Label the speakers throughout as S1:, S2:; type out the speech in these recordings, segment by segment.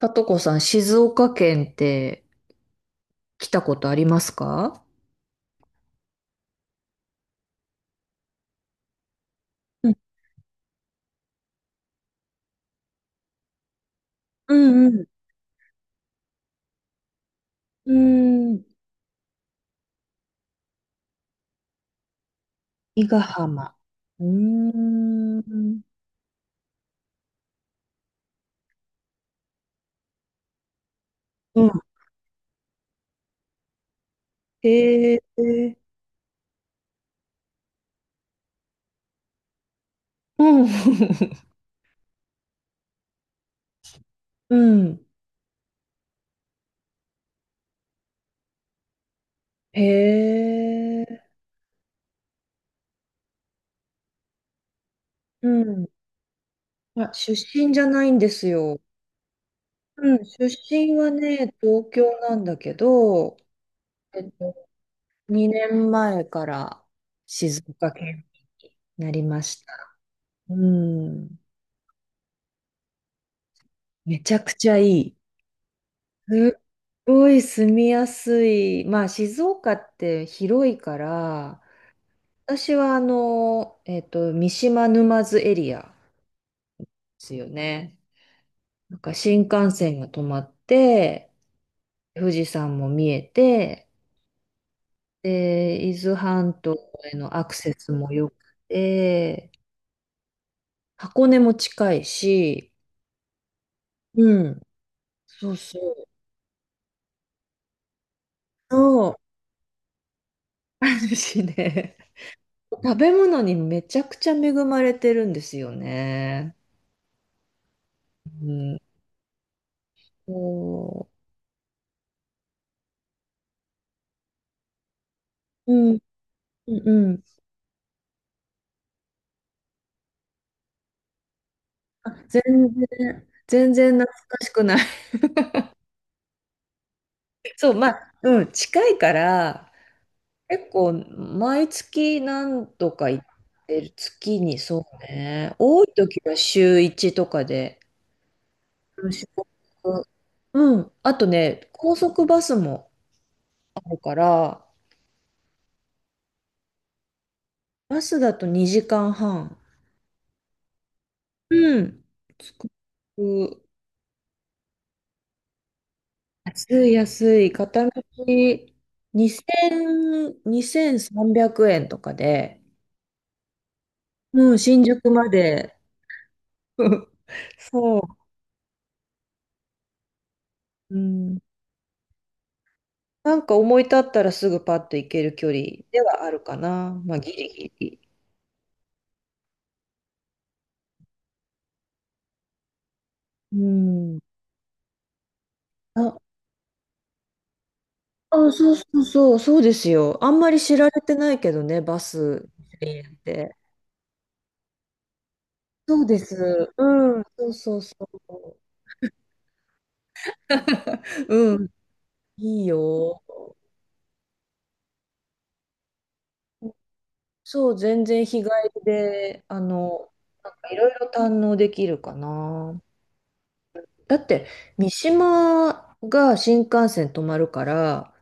S1: さとこさん、静岡県って来たことありますか？うんうんうん。うーん。伊賀浜。うーん。うん。へえ。うん。うん。へえ。うん。まあ、出身じゃないんですよ。うん。出身はね、東京なんだけど、えっと、2年前から静岡県になりました。うん。めちゃくちゃいい。すっごい住みやすい。まあ、静岡って広いから、私は三島沼津エリアですよね。なんか新幹線が止まって、富士山も見えて、で、伊豆半島へのアクセスも良くて、箱根も近いし、うん、そうそう。そう、あるしね。食べ物にめちゃくちゃ恵まれてるんですよね。うん。そう。うん、うんうん。あ、全然懐かしくない。そう、まあ、うん、近いから、結構、毎月何度か行ってる。月に、そうね。多い時は週1とかで。うん。週ろく。うん。あとね、高速バスもあるから、バスだと2時間半。うん。着く。安い安い。片道2000、2300円とかで、うん、新宿まで。そう。うん。なんか思い立ったらすぐパッと行ける距離ではあるかな。まあ、ギリギリ。うん。あ、あ、そうそうそう、そうですよ。あんまり知られてないけどね、バス2 0って。そうです。うん、そうそうそう。うん、いいよ。そう、全然日帰りで、なんかいろいろ堪能できるかな。だって、三島が新幹線止まるから、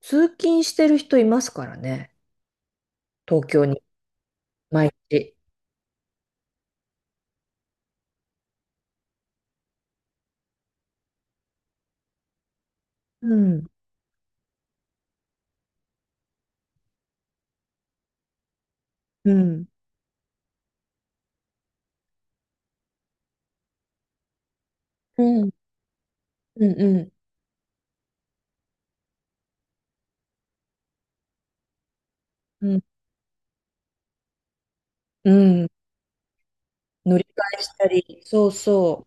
S1: 通勤してる人いますからね、東京に、毎日。うん、うん、うん、うん、うん、うん、うん。乗り換えしたり、そうそう。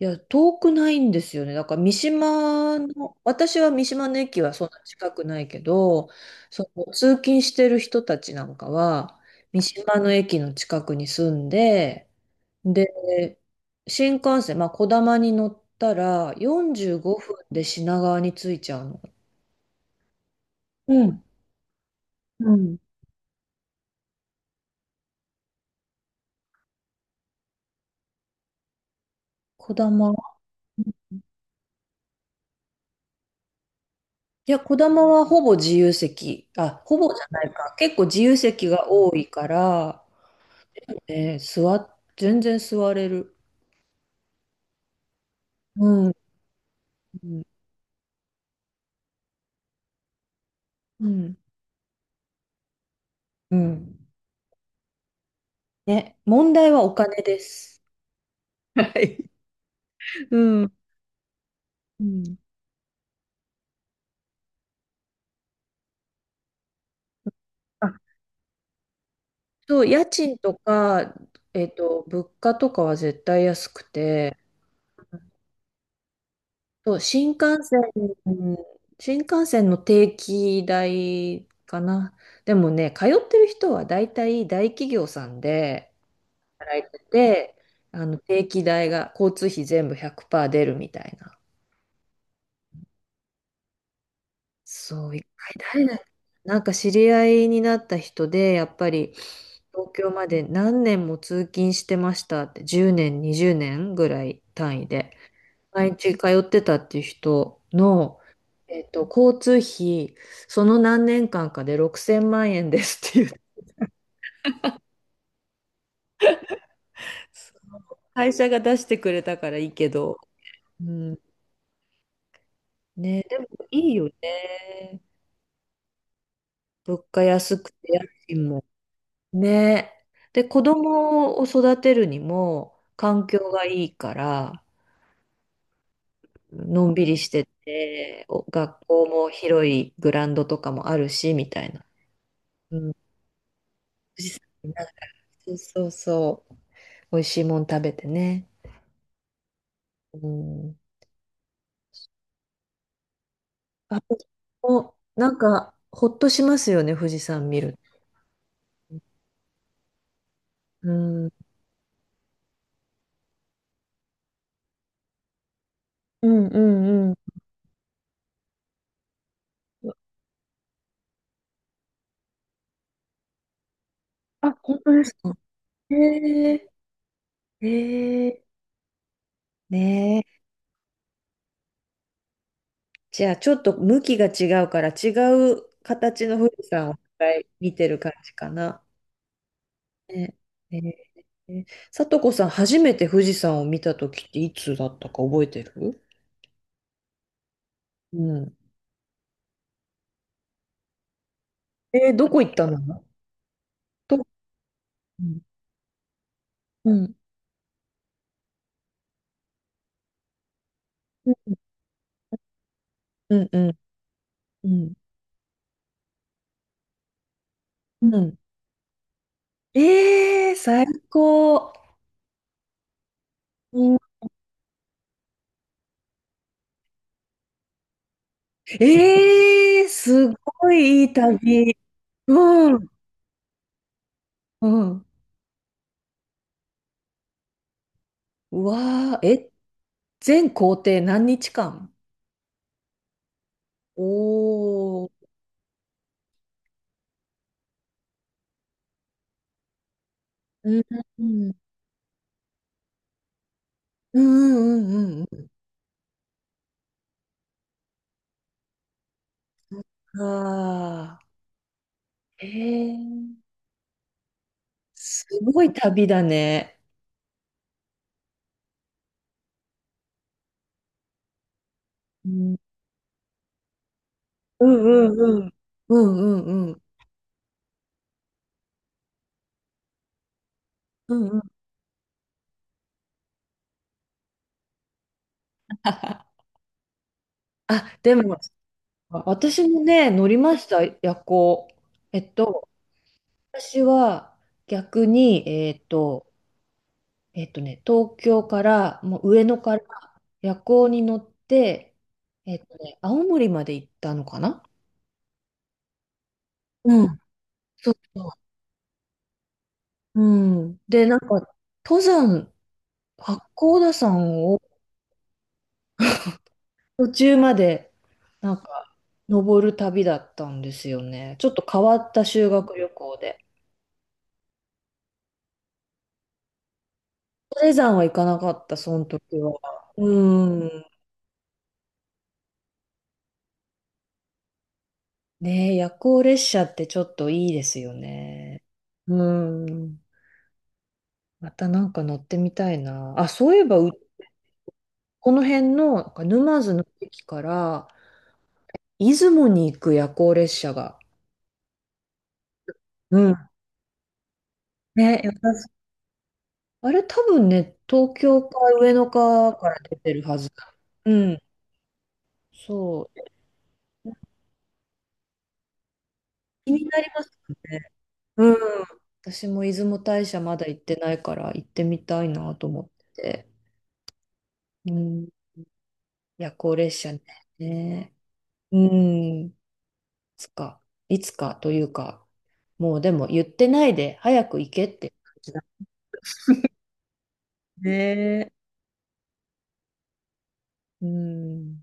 S1: いや、遠くないんですよね。だから三島の、私は三島の駅はそんな近くないけど、その通勤してる人たちなんかは、三島の駅の近くに住んで、で、新幹線、まあ、こだまに乗ったら45分で品川に着いちゃうの。うん、うん。こだま。いや、こだまはほぼ自由席。あ、ほぼじゃないか。結構自由席が多いから、えー座っ、全然座れる。うんうん。うんうん。ね、問題はお金です。はい。うん。うん。あ、そう、家賃とか、物価とかは絶対安くて、そう、新幹線、うん新幹線の定期代かな。でもね、通ってる人は大体大企業さんで働いてて、あの定期代が交通費全部100%出るみたいな。そう、一回誰だ、なんか知り合いになった人で、やっぱり東京まで何年も通勤してましたって、10年、20年ぐらい単位で、毎日通ってたっていう人の、交通費、その何年間かで6000万円ですっていう、その会社が出してくれたからいいけど、うん、ね、でもいいよね。物価安くて家賃もね。で、子供を育てるにも環境がいいから、のんびりしてて、お学校も広いグラウンドとかもあるし、みたいな。うん。富士山見ながらそうそうそう。美味しいもん食べてね。うん。あ、お、なんか、ほっとしますよね、富士山見る。うん。うんうんうん。あ、本当ですか？へえ、へえ、ねえ。じゃあ、ちょっと向きが違うから、違う形の富士山を一回見てる感じかな。ねえー、さとこさん、初めて富士山を見たときっていつだったか覚えてる？うん。えー、どこ行ったの？と、うんうん、うん、うん、うん、うん。うん。えー、最高。うん、えー、すごいいい旅。うん、うん。うわー、え、全行程何日間？お。うんうんうんうんうんうん。ああ、へえ、すごい旅だね。うん、うんうんうん。うんうんうん。うんうん。あ、でも、私もね、乗りました、夜行。えっと、私は逆に、東京から、もう上野から夜行に乗って、青森まで行ったのかな？うん。そうそう。うん。で、なんか、登山、八甲田山を途中まで、なんか、登る旅だったんですよね。ちょっと変わった修学旅行で。登山は行かなかった、その時は。うん。ねえ、夜行列車ってちょっといいですよね。うん。またなんか乗ってみたいな。あ、そういえば、この辺のなんか沼津の駅から出雲に行く夜行列車が。うん。ね、あれ多分ね、東京か上野かから出てるはずだ。うん。そう。気になりますよね。うん。私も出雲大社まだ行ってないから行ってみたいなと思ってて。うん。夜行列車ね。ね。うん。いつか、いつかというか、もうでも言ってないで早く行けって感じだね。うん。